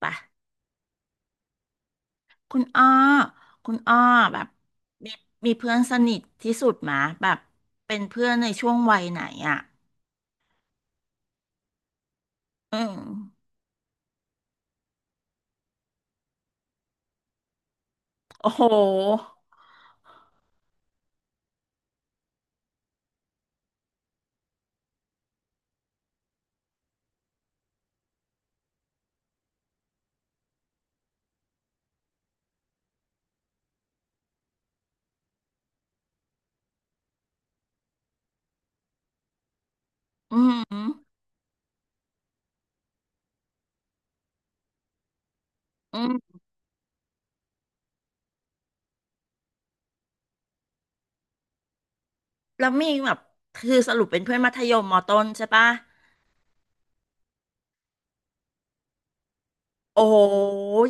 ปะคุณอ้อคุณอ้อแบบมีมีเพื่อนสนิทที่สุดมาแบบเป็นเพื่อนในช่วงวัยไหนอ่ะอืมโอ้โหอืมอืมแล้วมีแบบคือสรุปเป็นเพื่อนมัธยมมอต้นใช่ปะโอ้โห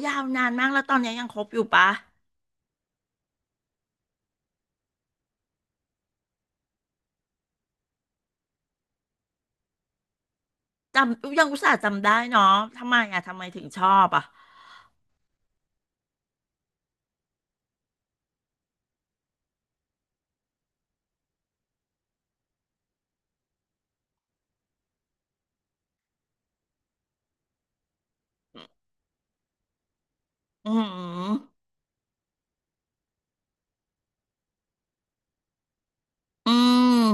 ยาวนานมากแล้วตอนนี้ยังคบอยู่ปะจำยังอุตส่าห์จำได้เนาะทำไมอ่ะทำไมถึงชอบอ่ะอืมอืม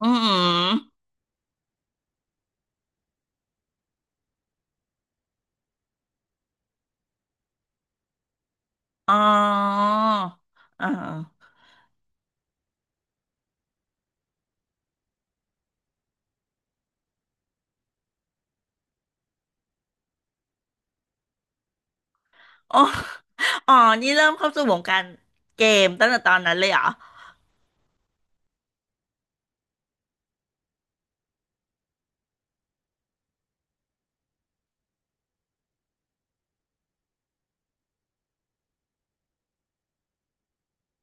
อืมอมอ๋อเอ่า อ๋ออ๋อนี่เริ่มเข้าสู่วงการเกมตั้งแต่ตอนนั้นเลยเหรอ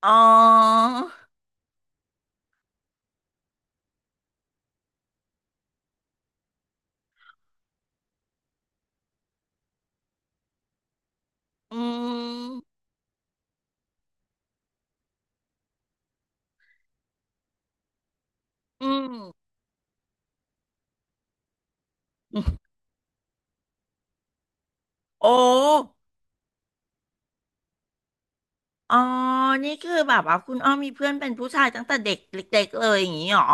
อ๋ออืมอืมโอ้อ๋อนี่คือแบบว่าคุณอ้อมมีเพื่อนเป็นผู้ชายตั้งแต่เด็กเล็กๆเลยอย่างนี้เหรอ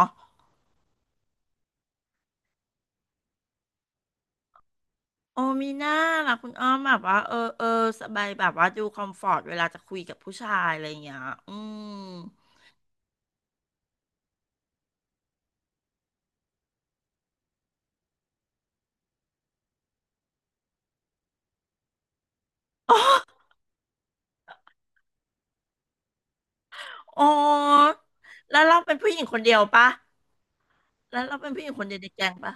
โอ้มีหน้าล่ะคุณอ้อมแบบว่าเออเออสบายแบบว่าดูคอมฟอร์ตเวลาจะคุยกับผู้ชายอะไรอย่างเงี้ยอืมอ๋อแล้วเราเป็นผู้หญิงคนเดียวปะแล้วเราเป็นผู้หญิงคนเดียวในแก๊งปะ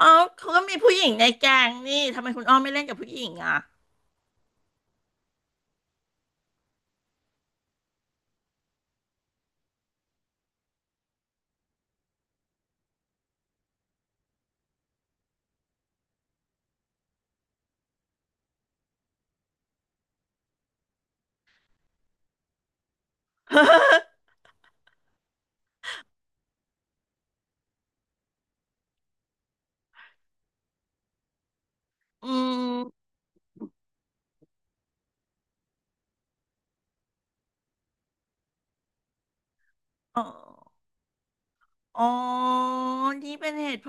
อ๋อเขาก็มีผู้หญิงในแก๊งนี่ทำไมคุณอ้อมไม่เล่นกับผู้หญิงอ่ะ อืมอ๋ออ๋อนี่เป็นเหตุผ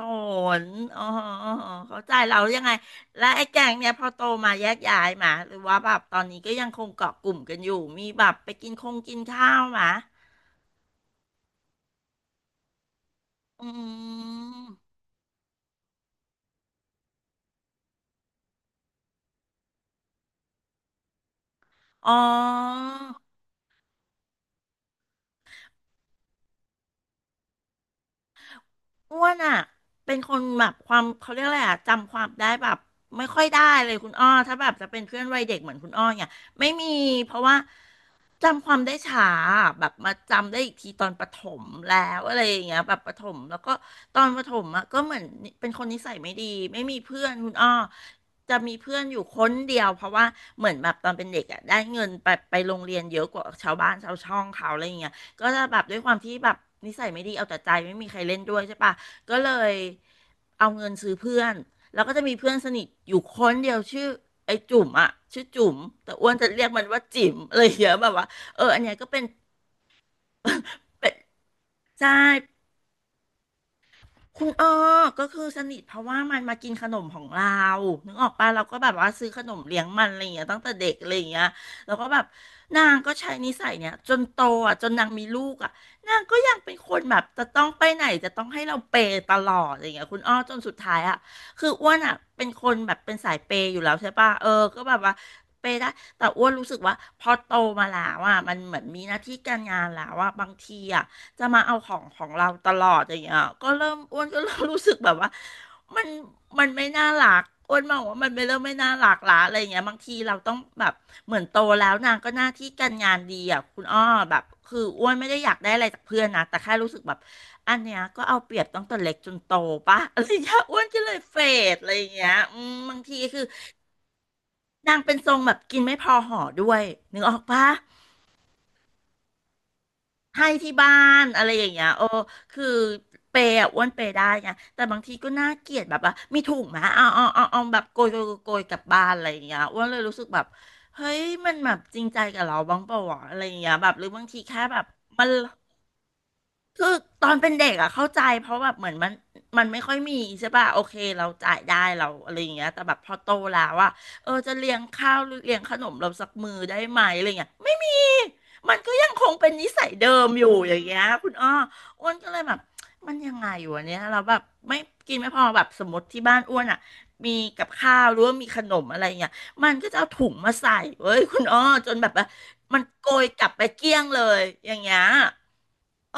ลอ๋ออออ๋อเข้าใจเรายังไง และไอ้แก๊งเนี่ยพอโตมาแยกย้ายมาหรือว่าแบบตอนนี้ก็ยังคงเกาะกลุ่มกันอยู่มีแบบไปกินคงกินข้าวมาอืมอ๋อ อ้วนอ่ะเป็นคนแบบความเขาเรียกอะไรอ่ะจำความได้แบบไม่ค่อยได้เลยคุณอ้อถ้าแบบจะเป็นเพื่อนวัยเด็กเหมือนคุณอ้อเนี่ยไม่มีเพราะว่า จำความได้ช้าแบบมาจำได้อีกทีตอนประถมแล้วอะไรอย่างเงี้ยแบบประถมแล้วก็ตอนประถมอะก็เหมือนเป็นคนนิสัยไม่ดีไม่มีเพื่อนคุณอ้อจะมีเพื่อนอยู่คนเดียวเพราะว่าเหมือนแบบตอนเป็นเด็กอะได้เงินไปโรงเรียนเยอะกว่าชาวบ้านชาวช่องเขาอะไรอย่างเงี้ยก็จะแบบด้วยความที่แบบนิสัยไม่ดีเอาแต่ใจไม่มีใครเล่นด้วยใช่ปะก็เลยเอาเงินซื้อเพื่อนแล้วก็จะมีเพื่อนสนิทอยู่คนเดียวชื่อไอ้จุ๋มอะชื่อจุ๋มแต่อ้วนจะเรียกมันว่าจิ๋มอะไรอย่างเงี้ยแบบว่า เอออันเนี้ยก็เป็นใช่คุณอ้อก็คือสนิทเพราะว่ามันมากินขนมของเรานึกออกปะเราก็แบบว่าซื้อขนมเลี้ยงมันอะไรอย่างเงี้ยตั้งแต่เด็กอะไรอย่างเงี้ยแล้วก็แบบนางก็ใช้นิสัยเนี้ยจนโตอ่ะจนนางมีลูกอ่ะนางก็ยังเป็นคนแบบจะต้องไปไหนจะต้องให้เราเปย์ตลอดอะไรอย่างเงี้ยคุณอ้อจนสุดท้ายอ่ะคืออ้วนอ่ะเป็นคนแบบเป็นสายเปย์อยู่แล้วใช่ปะเออก็แบบว่าเปย์ได้แต่อ้วนรู้สึกว่าพอโตมาแล้วอ่ะมันเหมือนมีหน้าที่การงานแล้วอ่ะบางทีอ่ะ จะมาเอาของของเราตลอดอย่างเงี้ยก็เริ่มอ้วนก็เริ่มรู้สึกแบบว่ามันมันไม่น่ารักอ้วนมองว่ามันไม่เริ่มไม่น่ารักละอะไรอย่างเงี้ยบางทีเราต้องแบบเหมือนโตแล้วนางก็หน้าที่การงานดีอ่ะคุณอ้อแบบคืออ้วนไม่ได้อยากได้อะไรจากเพื่อนนะแต่แค่รู้สึกแบบอันเนี้ยก็เอาเปรียบตั้งแต่เล็กจนโตปะอะไรอย่างเงี้ยอ้วนก็เลยเฟดอะไรอย่างเงี้ยอืมบางทีคือนางเป็นทรงแบบกินไม่พอห่อด้วยนึกออกปะ ให้ที่บ้านอะไรอย่างเงี้ยโอ้คือเปย์อะอ้วนเปย์ได้ไงแต่บางทีก็น่าเกลียดแบบว่ามีถุงไหมเอาแบบโกยกลับบ้านอะไรอย่างเงี้ยอ้วนเลยรู้สึกแบบเฮ้ยมันแบบจริงใจกับเราบ้างเปล่าวะอะไรอย่างเงี้ยแบบหรือบางทีแค่แบบมัน คือตอนเป็นเด็กอะเข้าใจเพราะแบบเหมือนมันไม่ค่อยมีใช่ป่ะโอเคเราจ่ายได้เราอะไรอย่างเงี้ยแต่แบบพอโตแล้วอะเออจะเลี้ยงข้าวหรือเลี้ยงขนมเราสักมื้อได้ไหมอะไรเงี้ยไม่มีมันก็ยังคงเป็นนิสัยเดิมอยู่อย่างเงี้ยคุณอ้ออ้วนก็เลยแบบมันยังไงอยู่เนี้ยเราแบบไม่กินไม่พอแบบสมมติที่บ้านอ้วนอะมีกับข้าวหรือว่ามีขนมอะไรเงี้ยมันก็จะเอาถุงมาใส่เว้ยคุณอ้อจนแบบว่ามันโกยกลับไปเกลี้ยงเลยอย่างเงี้ย เอ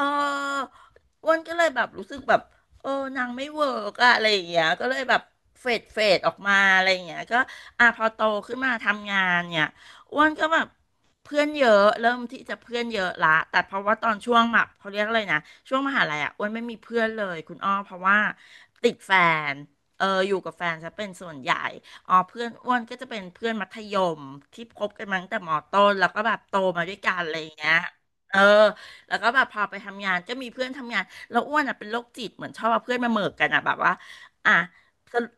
ออ้วนก็เลยแบบรู้สึกแบบเออนางไม่เวิร์กอะอะไรอย่างเงี้ยก็เลยแบบเฟดออกมาอะไรอย่างเงี้ยก็อ่ะพอโตขึ้นมาทำงานเนี่ยอ้วนก็แบบเพื่อนเยอะเริ่มที่จะเพื่อนเยอะละแต่เพราะว่าตอนช่วงแบบเขาเรียกอะไรนะช่วงมหาลัยอะอ้วนไม่มีเพื่อนเลยคุณอ้อเพราะว่าติดแฟนเอออยู่กับแฟนจะเป็นส่วนใหญ่อ๋อเพื่อนอ้วนก็จะเป็นเพื่อนมัธยมที่คบกันมาตั้งแต่มต้นแล้วก็แบบโตมาด้วยกันอะไรอย่างเงี้ยเออ แล้วก็แบบพอไปทำงานก็มีเพื่อนทำงานแล้วอ้วนอ่ะเป็นโรคจิตเหมือนชอบเอาเพื่อนมาเหมิกกันอ่ะแบบว่าอ่ะสรุป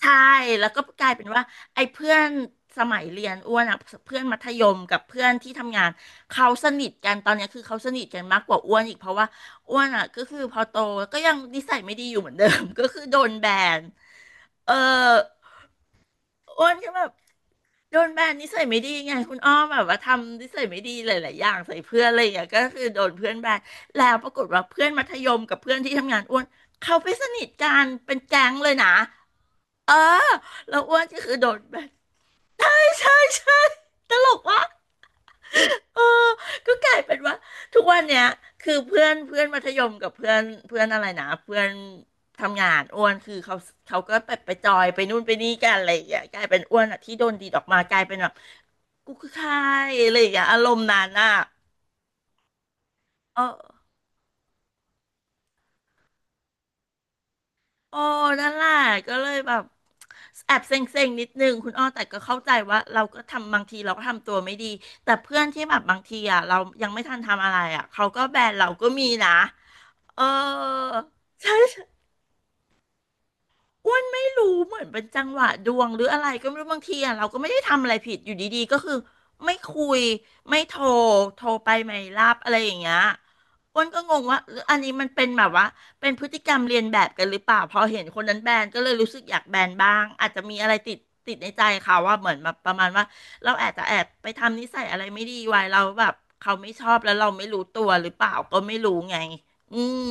ใช่แล้วก็กลายเป็นว่าไอ้เพื่อนสมัยเรียนอ้วนอ่ะเพื่อนมัธยมกับเพื่อนที่ทำงานเขาสนิทกันตอนเนี้ยคือเขาสนิทกันมากกว่าอ้วนอีกเพราะว่าอ้วนอ่ะก็คือพอโตก็ยังนิสัยไม่ดีอยู่เหมือนเดิม ก็คือโดนแบนเออ อ้วนก็แบบโดนแบนนิสัยไม่ดีไงคุณอ้อมแบบว่าทำนิสัยไม่ดีหลายๆอย่างใส่เพื่อนอะไรอย่างเงี้ยก็คือโดนเพื่อนแบนแล้วปรากฏว่าเพื่อนมัธยมกับเพื่อนที่ทำงานอ้วนเขาไปสนิทกันเป็นแก๊งเลยนะเออแล้วอ้วนก็คือโดนแบนใช่ใช่ใช่ตลกว่ะเออก็กลายเป็นว่าทุกวันเนี้ยคือเพื่อนเพื่อนมัธยมกับเพื่อนเพื่อนอะไรนะเพื่อนทำงานอ้วนคือเขาเขาก็ไปจอยไปนู่นไปนี่กันอะไรอย่างเงี้ยกลายเป็นอ้วนอ่ะที่โดนดีดออกมากลายเป็นแบบ กูคือใครอะไรอย่างเงี้ยอารมณ์นั้นอ่ะเออโอ้นั่นแหละก็เลยแบบแอบเซ็งๆนิดนึงคุณอ้อแต่ก็เข้าใจว่าเราก็ทำบางทีเราก็ทำตัวไม่ดีแต่เพื่อนที่แบบบางทีอ่ะเรายังไม่ทันทำอะไรอ่ะเขาก็แบนเราก็มีนะเออใช่ๆ อ้วนไม่รู้เหมือนเป็นจังหวะดวงหรืออะไรก็ไม่รู้บางทีอ่ะเราก็ไม่ได้ทำอะไรผิดอยู่ดีๆก็คือไม่คุยไม่โทรโทรไปไม่รับอะไรอย่างเงี้ยอ้วนก็งงว่าหรืออันนี้มันเป็นแบบว่าเป็นพฤติกรรมเรียนแบบกันหรือเปล่าพอเห็นคนนั้นแบนก็เลยรู้สึกอยากแบนบ้างอาจจะมีอะไรติดในใจเขาว่าเหมือนแบบประมาณว่าเราอาจจะแอบไปทำนิสัยอะไรไม่ดีไว้เราแล้วแบบเขาไม่ชอบแล้วเราไม่รู้ตัวหรือเปล่าก็ไม่รู้ไงอืม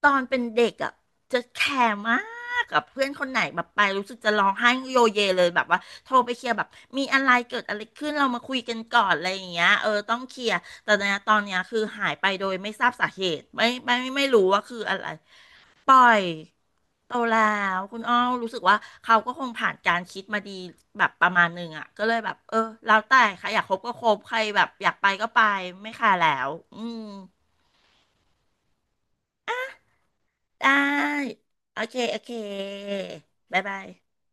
ตอนเป็นเด็กอ่ะจะแคร์มากกับเพื่อนคนไหนแบบไปรู้สึกจะร้องไห้โยเยเลยแบบว่าโทรไปเคลียร์แบบมีอะไรเกิดอะไรขึ้นเรามาคุยกันก่อนอะไรอย่างเงี้ยเออต้องเคลียร์แต่เนี่ยตอนเนี้ยคือหายไปโดยไม่ทราบสาเหตุไม่รู้ว่าคืออะไรปล่อยโตแล้วคุณอ้อรู้สึกว่าเขาก็คงผ่านการคิดมาดีแบบประมาณหนึ่งอ่ะก็เลยแบบเออแล้วแต่ใครอยากคบก็คบใครแบบอยากไปก็ไปไม่ค่ะแล้วอืม ได้โอเคโอเคบ๊ายบาย